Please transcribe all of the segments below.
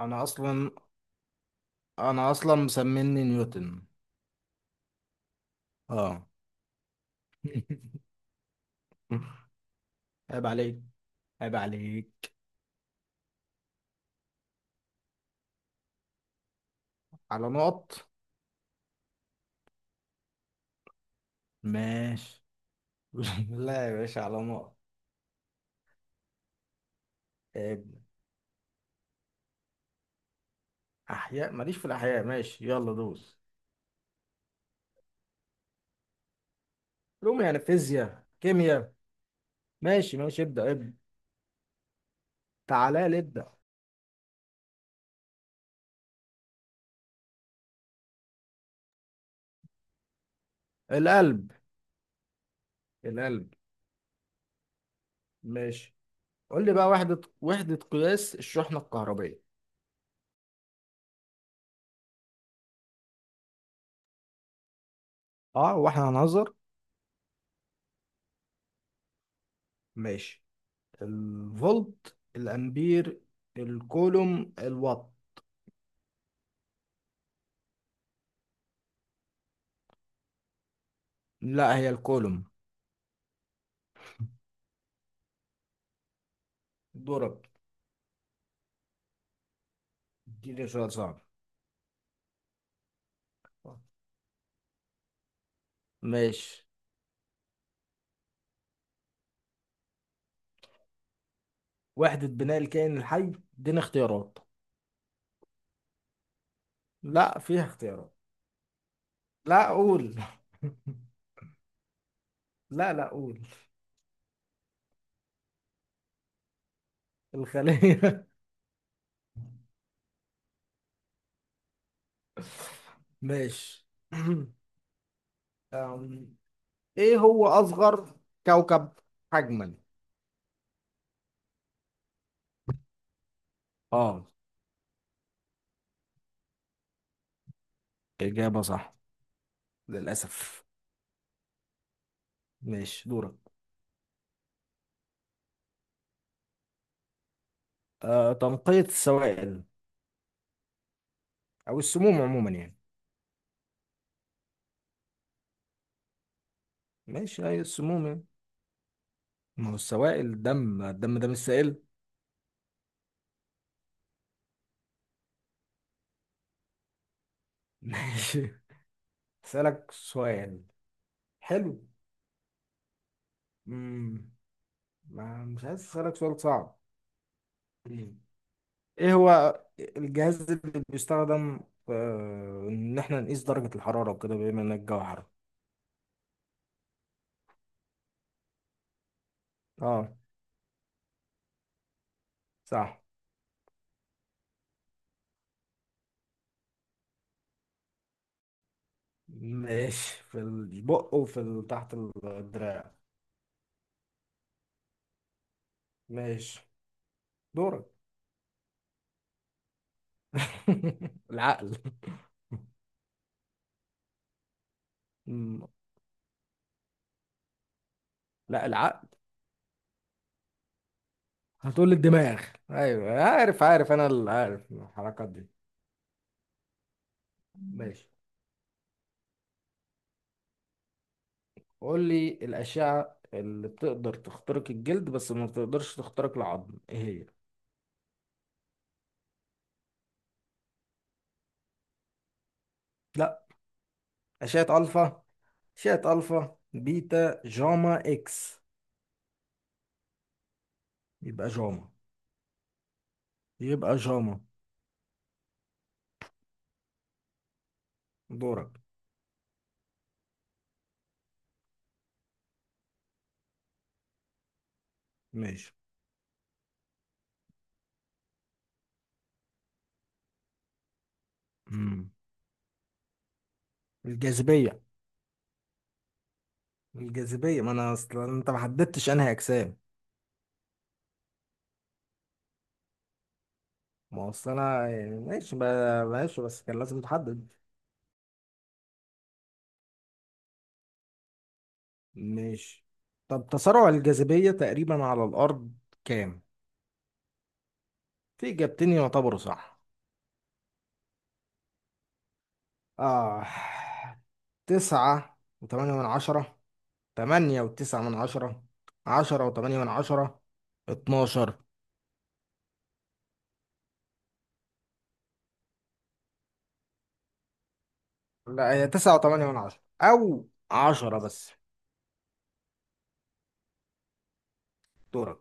انا اصلا انا اصلا مسميني نيوتن. اه. عيب عليك، عيب عليك على نقط. ماشي. لا يا باشا، على نقط. عيب. احياء ماليش، في الاحياء ماشي، يلا دوس. علوم يعني فيزياء كيمياء. ماشي ماشي، ابدا ابدا، تعالى لي ابدا. القلب. القلب. ماشي. قول لي بقى وحدة قياس الشحنة الكهربية. اه، واحنا هنهزر. ماشي، الفولت، الامبير، الكولوم، الوات. لا، هي الكولوم. دورك. اديني سؤال صعب. ماشي. وحدة بناء الكائن الحي. اديني اختيارات. لا، فيها اختيارات. لا، قول. لا لا، قول. الخلية. ماشي. أم، ايه هو اصغر كوكب حجما؟ اه، اجابة صح. للاسف. ماشي، دورك. آه، تنقية السوائل، او السموم عموما يعني. ماشي، هي السموم يعني. ما هو السوائل، الدم ده مش سائل. ماشي. اسالك سؤال حلو. امم ما مش عايز اسالك سؤال صعب. مم. ايه هو الجهاز اللي بيستخدم في ان احنا نقيس درجة الحرارة وكده، بما ان الجو حر. اه، صح. ماشي، في البق وفي تحت الدراع. ماشي، دورك. العقل. مم. لا، العقل. هتقول لي الدماغ. ايوه، عارف عارف انا، اللي عارف الحركات دي. ماشي. قول لي الاشعه اللي بتقدر تخترق الجلد بس ما بتقدرش تخترق العظم، ايه هي. لا، اشعه الفا. اشعه الفا بيتا جاما اكس. يبقى جاما. يبقى جاما. دورك. ماشي. مم. الجاذبيه. الجاذبيه، ما انا اصلا انت ما حددتش انهي اجسام. ما هو اصل انا يعني، ماشي، بس كان لازم تحدد. ماشي، طب تسارع الجاذبية تقريبا على الأرض كام؟ في إجابتين يعتبروا صح. آه، تسعة وتمانية من عشرة، تمانية وتسعة من عشرة، عشرة وتمانية من عشرة، اتناشر. لا، هي تسعة وتمانية من عشرة أو عشرة بس. دورك.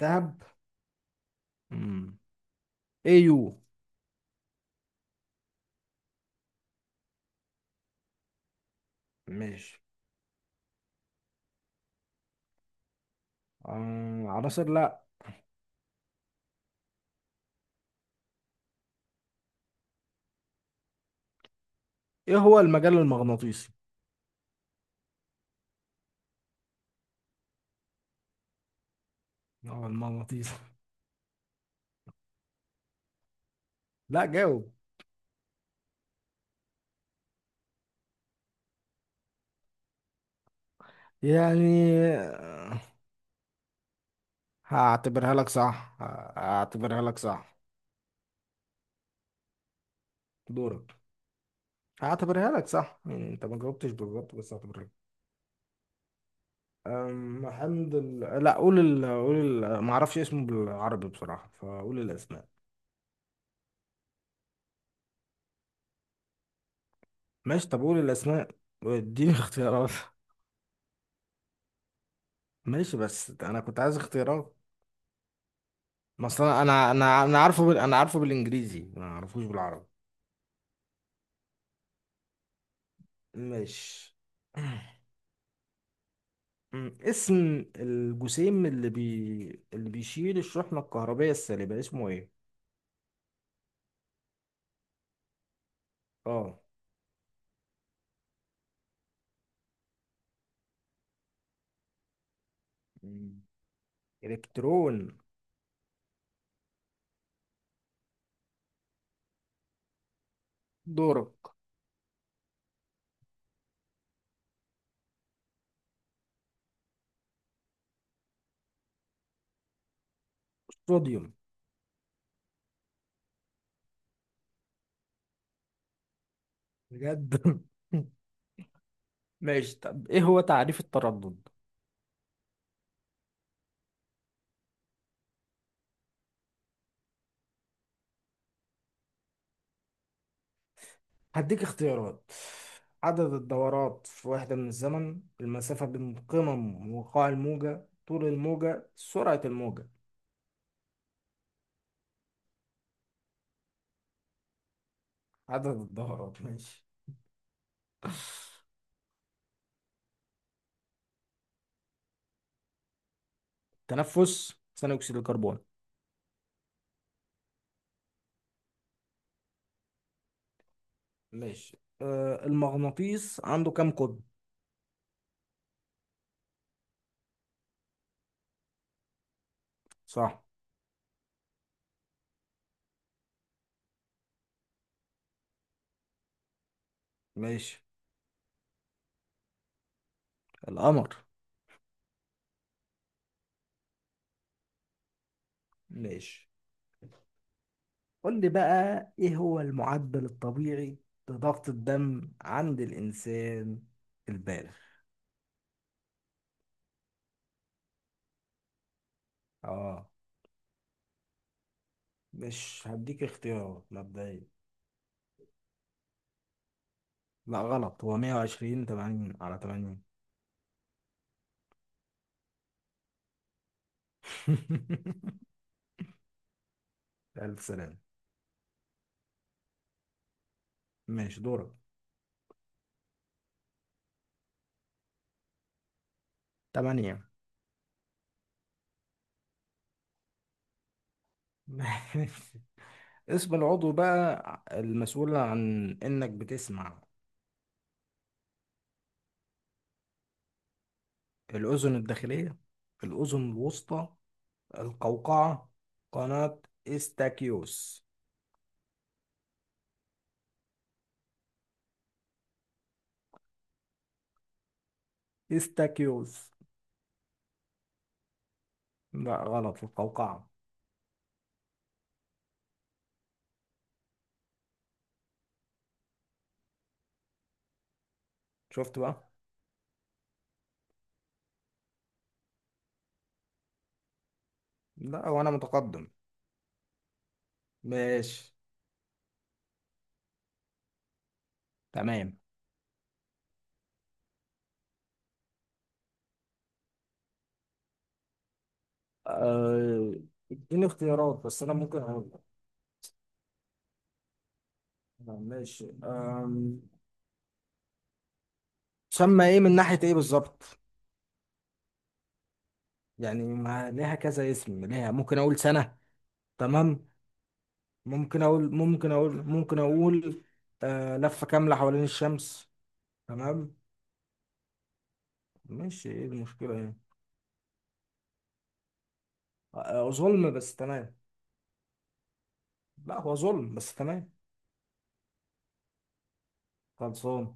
دهب. مم. Au. ماشي. آه، عناصر لا. إيه هو المجال المغناطيسي؟ هو المغناطيسي. لا، جاوب. يعني هعتبرها لك صح. هعتبرها لك صح. دورك. هعتبرها لك صح، يعني انت ما جاوبتش بالظبط بس هعتبرها لك. حمد ال، لا قول ال، قول ال، ما اعرفش اسمه بالعربي بصراحة، فقول الاسماء. ماشي، طب قول الاسماء واديني اختيارات. ماشي، بس انا كنت عايز اختيارات. ما اصل انا انا انا أنا عارفه بال، انا عارفه بالانجليزي، ما اعرفوش بالعربي. ماشي. اسم الجسيم اللي بيشيل الشحنة الكهربية السالبة اسمه ايه؟ اه. مم. إلكترون. دورق. صوديوم. بجد. ماشي، طب إيه هو تعريف التردد؟ هديك اختيارات. عدد الدورات في وحدة من الزمن، المسافة بين قمم وقاع الموجة، طول الموجة، سرعة الموجة. عدد الدورات. ماشي. تنفس ثاني أكسيد الكربون. ماشي. آه، المغناطيس عنده كام قطب؟ صح. ماشي. القمر. ماشي. قول لي بقى ايه هو المعدل الطبيعي لضغط الدم عند الانسان البالغ. اه. مش هديك اختيارات مبدئيا. لا غلط، هو 120 80 على 80. الف سلامة. ماشي، دورك. 8. اسم العضو بقى المسؤول عن انك بتسمع. الاذن الداخلية، الاذن الوسطى، القوقعة، قناة استاكيوس. استاكيوس. لا غلط، القوقعة. شفت بقى. لا، وانا متقدم. ماشي، تمام. آه، اديني اختيارات بس انا ممكن اقول لك. ماشي. تسمى ايه من ناحية ايه بالظبط؟ يعني ما ليها كذا اسم، ليها ممكن اقول سنة، تمام. ممكن اقول، ممكن اقول، ممكن اقول، لفة كاملة حوالين الشمس. تمام. ماشي، ايه المشكلة يعني. آه، ظلم بس تمام. لا هو ظلم بس تمام. خلصان.